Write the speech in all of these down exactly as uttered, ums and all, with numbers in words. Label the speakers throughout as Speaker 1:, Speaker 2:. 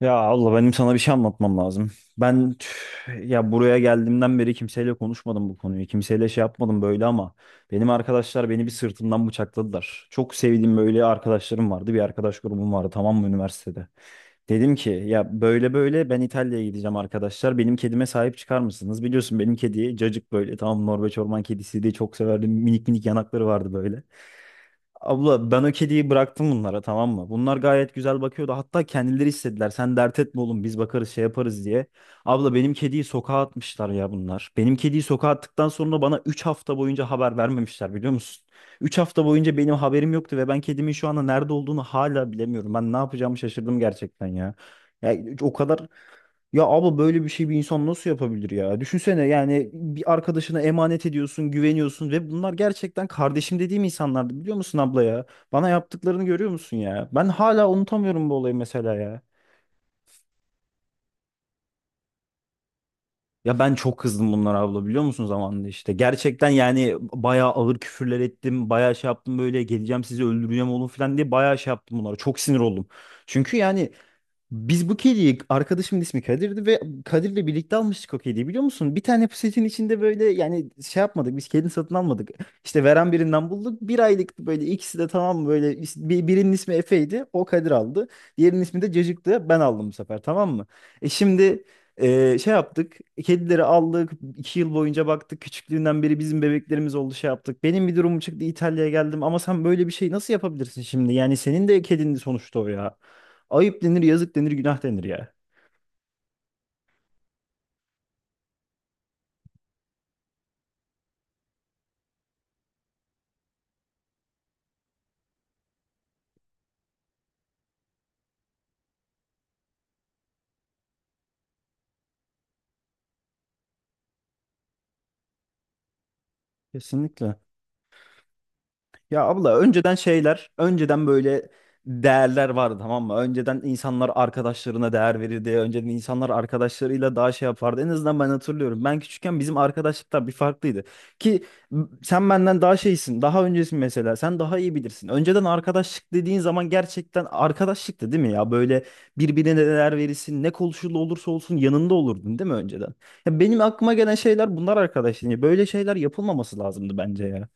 Speaker 1: Ya abla benim sana bir şey anlatmam lazım. Ben tüh, ya buraya geldiğimden beri kimseyle konuşmadım bu konuyu. Kimseyle şey yapmadım böyle ama benim arkadaşlar beni bir sırtımdan bıçakladılar. Çok sevdiğim böyle arkadaşlarım vardı. Bir arkadaş grubum vardı tamam mı üniversitede. Dedim ki ya böyle böyle ben İtalya'ya gideceğim arkadaşlar. Benim kedime sahip çıkar mısınız? Biliyorsun benim kedi Cacık böyle tamam Norveç orman kedisi diye çok severdim. Minik minik yanakları vardı böyle. Abla ben o kediyi bıraktım bunlara tamam mı? Bunlar gayet güzel bakıyordu. Hatta kendileri istediler. Sen dert etme oğlum biz bakarız şey yaparız diye. Abla benim kediyi sokağa atmışlar ya bunlar. Benim kediyi sokağa attıktan sonra bana üç hafta boyunca haber vermemişler biliyor musun? Üç hafta boyunca benim haberim yoktu ve ben kedimin şu anda nerede olduğunu hala bilemiyorum. Ben ne yapacağımı şaşırdım gerçekten ya. Ya o kadar, ya abla böyle bir şey bir insan nasıl yapabilir ya? Düşünsene yani bir arkadaşına emanet ediyorsun, güveniyorsun ve bunlar gerçekten kardeşim dediğim insanlardı biliyor musun abla ya? Bana yaptıklarını görüyor musun ya? Ben hala unutamıyorum bu olayı mesela ya. Ya ben çok kızdım bunlara abla biliyor musun zamanında işte. Gerçekten yani bayağı ağır küfürler ettim, bayağı şey yaptım böyle geleceğim sizi öldüreceğim oğlum falan diye bayağı şey yaptım bunlara. Çok sinir oldum. Çünkü yani biz bu kediyi, arkadaşımın ismi Kadir'di ve Kadir'le birlikte almıştık o kediyi biliyor musun? Bir tane poşetin içinde böyle yani şey yapmadık biz kedini satın almadık. İşte veren birinden bulduk. Bir aylık böyle ikisi de tamam böyle is- bir- birinin ismi Efe'ydi o Kadir aldı. Diğerinin ismi de Cacık'tı ben aldım bu sefer tamam mı? E şimdi e, şey yaptık, kedileri aldık, iki yıl boyunca baktık küçüklüğünden beri bizim bebeklerimiz oldu şey yaptık. Benim bir durumum çıktı İtalya'ya geldim ama sen böyle bir şey nasıl yapabilirsin şimdi? Yani senin de kedindi sonuçta o ya. Ayıp denir, yazık denir, günah denir ya. Kesinlikle. Ya abla önceden şeyler, önceden böyle değerler vardı tamam mı? Önceden insanlar arkadaşlarına değer verirdi. Önceden insanlar arkadaşlarıyla daha şey yapardı. En azından ben hatırlıyorum. Ben küçükken bizim arkadaşlıklar bir farklıydı. Ki m- sen benden daha şeysin, daha öncesin mesela. Sen daha iyi bilirsin. Önceden arkadaşlık dediğin zaman gerçekten arkadaşlıktı değil mi ya? Böyle birbirine değer verirsin. Ne konuşulu olursa olsun yanında olurdun değil mi önceden? Ya benim aklıma gelen şeyler bunlar arkadaşlar. Böyle şeyler yapılmaması lazımdı bence ya.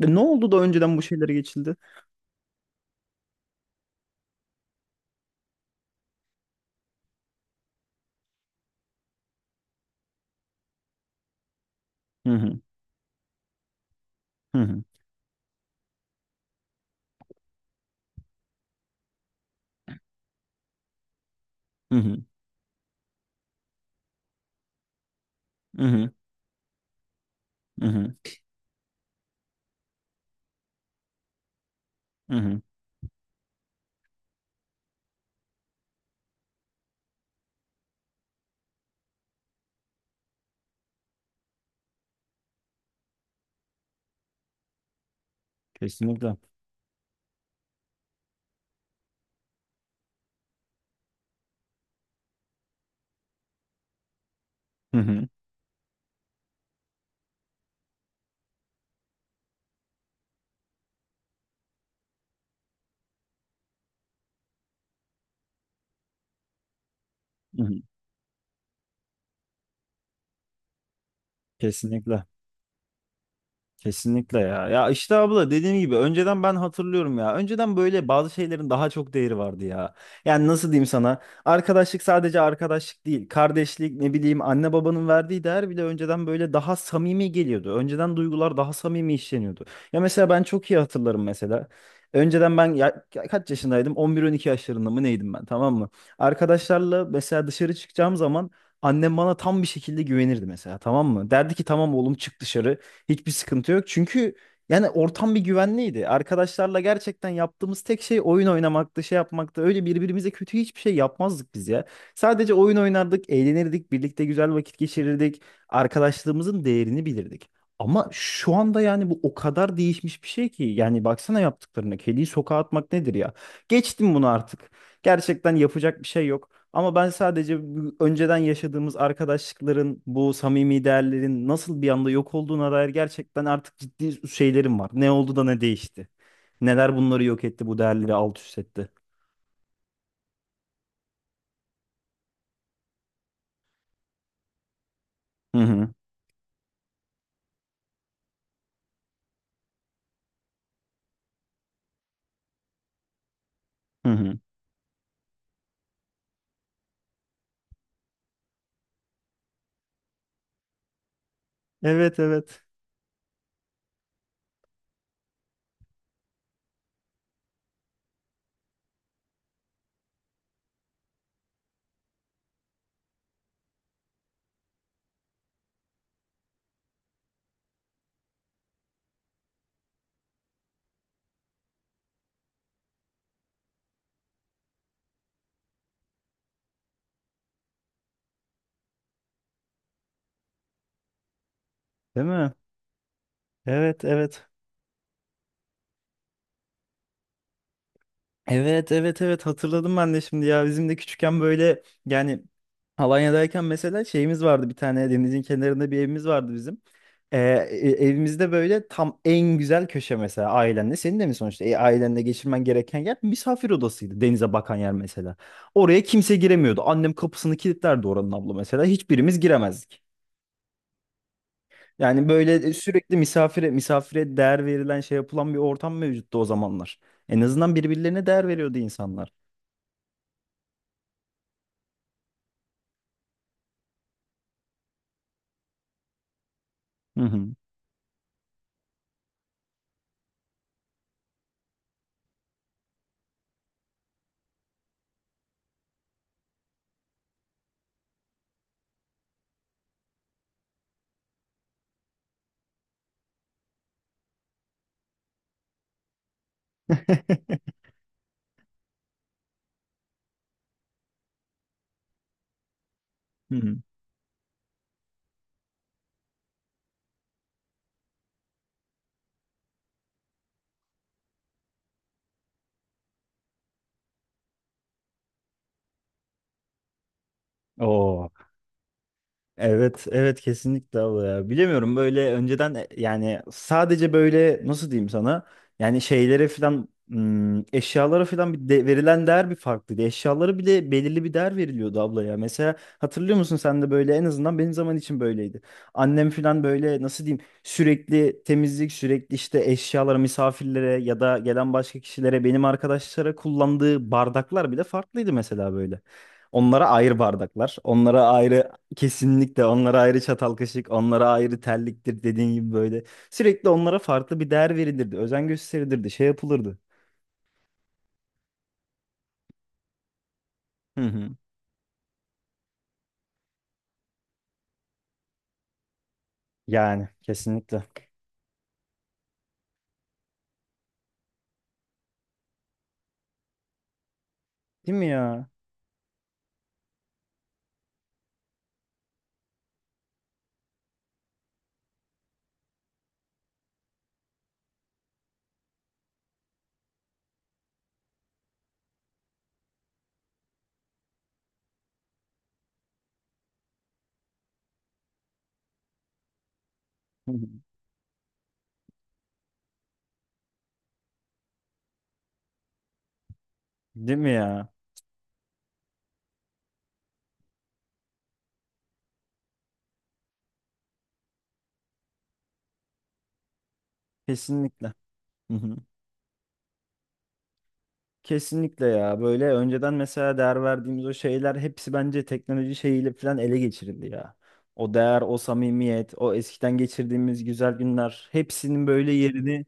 Speaker 1: Ve ne oldu da önceden bu şeylere geçildi? Hı hı. Hı hı. Hı hı. Hı hı. Hı hı. Hı hı. Kesinlikle. Hı hı. Hı hı. Kesinlikle. Kesinlikle ya. Ya işte abla dediğim gibi önceden ben hatırlıyorum ya. Önceden böyle bazı şeylerin daha çok değeri vardı ya. Yani nasıl diyeyim sana? Arkadaşlık sadece arkadaşlık değil. Kardeşlik ne bileyim anne babanın verdiği değer bile önceden böyle daha samimi geliyordu. Önceden duygular daha samimi işleniyordu. Ya mesela ben çok iyi hatırlarım mesela. Önceden ben ya, ya kaç yaşındaydım? on bir on iki yaşlarında mı neydim ben tamam mı? Arkadaşlarla mesela dışarı çıkacağım zaman annem bana tam bir şekilde güvenirdi mesela tamam mı? Derdi ki tamam oğlum çık dışarı. Hiçbir sıkıntı yok. Çünkü yani ortam bir güvenliydi. Arkadaşlarla gerçekten yaptığımız tek şey oyun oynamaktı, şey yapmaktı. Öyle birbirimize kötü hiçbir şey yapmazdık biz ya. Sadece oyun oynardık, eğlenirdik, birlikte güzel vakit geçirirdik. Arkadaşlığımızın değerini bilirdik. Ama şu anda yani bu o kadar değişmiş bir şey ki. Yani baksana yaptıklarına. Kediyi sokağa atmak nedir ya? Geçtim bunu artık. Gerçekten yapacak bir şey yok. Ama ben sadece bu önceden yaşadığımız arkadaşlıkların, bu samimi değerlerin nasıl bir anda yok olduğuna dair gerçekten artık ciddi şeylerim var. Ne oldu da ne değişti? Neler bunları yok etti, bu değerleri alt üst etti? Hı hı. Hı hı. Evet evet. Değil mi? Evet evet. Evet evet evet hatırladım ben de şimdi ya bizim de küçükken böyle yani Alanya'dayken mesela şeyimiz vardı bir tane, denizin kenarında bir evimiz vardı bizim. Ee, e- evimizde böyle tam en güzel köşe mesela ailenle senin de mi sonuçta e, ailenle geçirmen gereken yer misafir odasıydı, denize bakan yer mesela. Oraya kimse giremiyordu annem kapısını kilitlerdi oranın abla mesela hiçbirimiz giremezdik. Yani böyle sürekli misafire misafire değer verilen şey yapılan bir ortam mevcuttu o zamanlar. En azından birbirlerine değer veriyordu insanlar. Hı hı. Hı hı. Oo. Evet, evet kesinlikle abla ya. Bilemiyorum böyle önceden e, yani sadece böyle nasıl diyeyim sana? Yani şeylere filan hmm, eşyalara filan bir de, verilen değer bir farklıydı. Eşyalara bile belirli bir değer veriliyordu abla ya. Mesela hatırlıyor musun sen de böyle en azından benim zaman için böyleydi. Annem filan böyle nasıl diyeyim sürekli temizlik sürekli işte eşyalara misafirlere ya da gelen başka kişilere benim arkadaşlara kullandığı bardaklar bile farklıydı mesela böyle. Onlara ayrı bardaklar, onlara ayrı kesinlikle onlara ayrı çatal kaşık, onlara ayrı terliktir dediğin gibi böyle. Sürekli onlara farklı bir değer verilirdi, özen gösterilirdi, şey yapılırdı. Hı hı. Yani kesinlikle. Değil mi ya? Hı hı. Değil mi ya? Kesinlikle. Hı hı. Kesinlikle ya. Böyle önceden mesela değer verdiğimiz o şeyler hepsi bence teknoloji şeyiyle falan ele geçirildi ya. O değer, o samimiyet, o eskiden geçirdiğimiz güzel günler hepsinin böyle yerini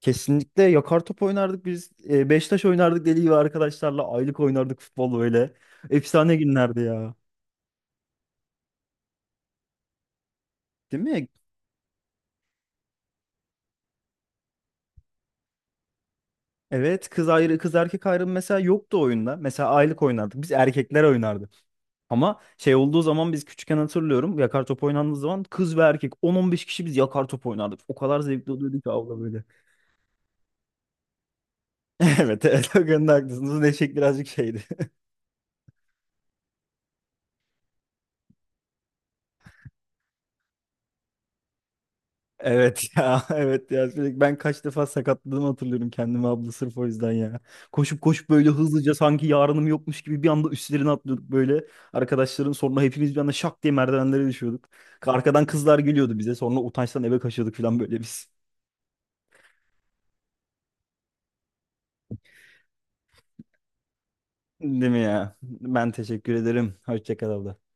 Speaker 1: kesinlikle. Yakar top oynardık biz. E, beş taş oynardık deli gibi arkadaşlarla. Aylık oynardık futbol böyle. Efsane günlerdi ya. Değil mi? Evet kız ayrı, kız erkek ayrımı mesela yoktu oyunda. Mesela aylık oynardık. Biz erkekler oynardık. Ama şey olduğu zaman biz küçükken hatırlıyorum. Yakar top oynandığı zaman kız ve erkek 10-15 kişi biz yakar top oynardık. O kadar zevkli oluyordu ki abla böyle. Evet evet o konuda haklısınız. Neşek birazcık şeydi. Evet ya, evet ya sürekli ben kaç defa sakatladığımı hatırlıyorum kendimi abla sırf o yüzden ya. Koşup koşup böyle hızlıca sanki yarınım yokmuş gibi bir anda üstlerine atlıyorduk böyle. Arkadaşların sonra hepimiz bir anda şak diye merdivenlere düşüyorduk. Arkadan kızlar gülüyordu bize sonra utançtan eve kaçıyorduk falan böyle biz. Değil mi ya? Ben teşekkür ederim. Hoşça kal abla.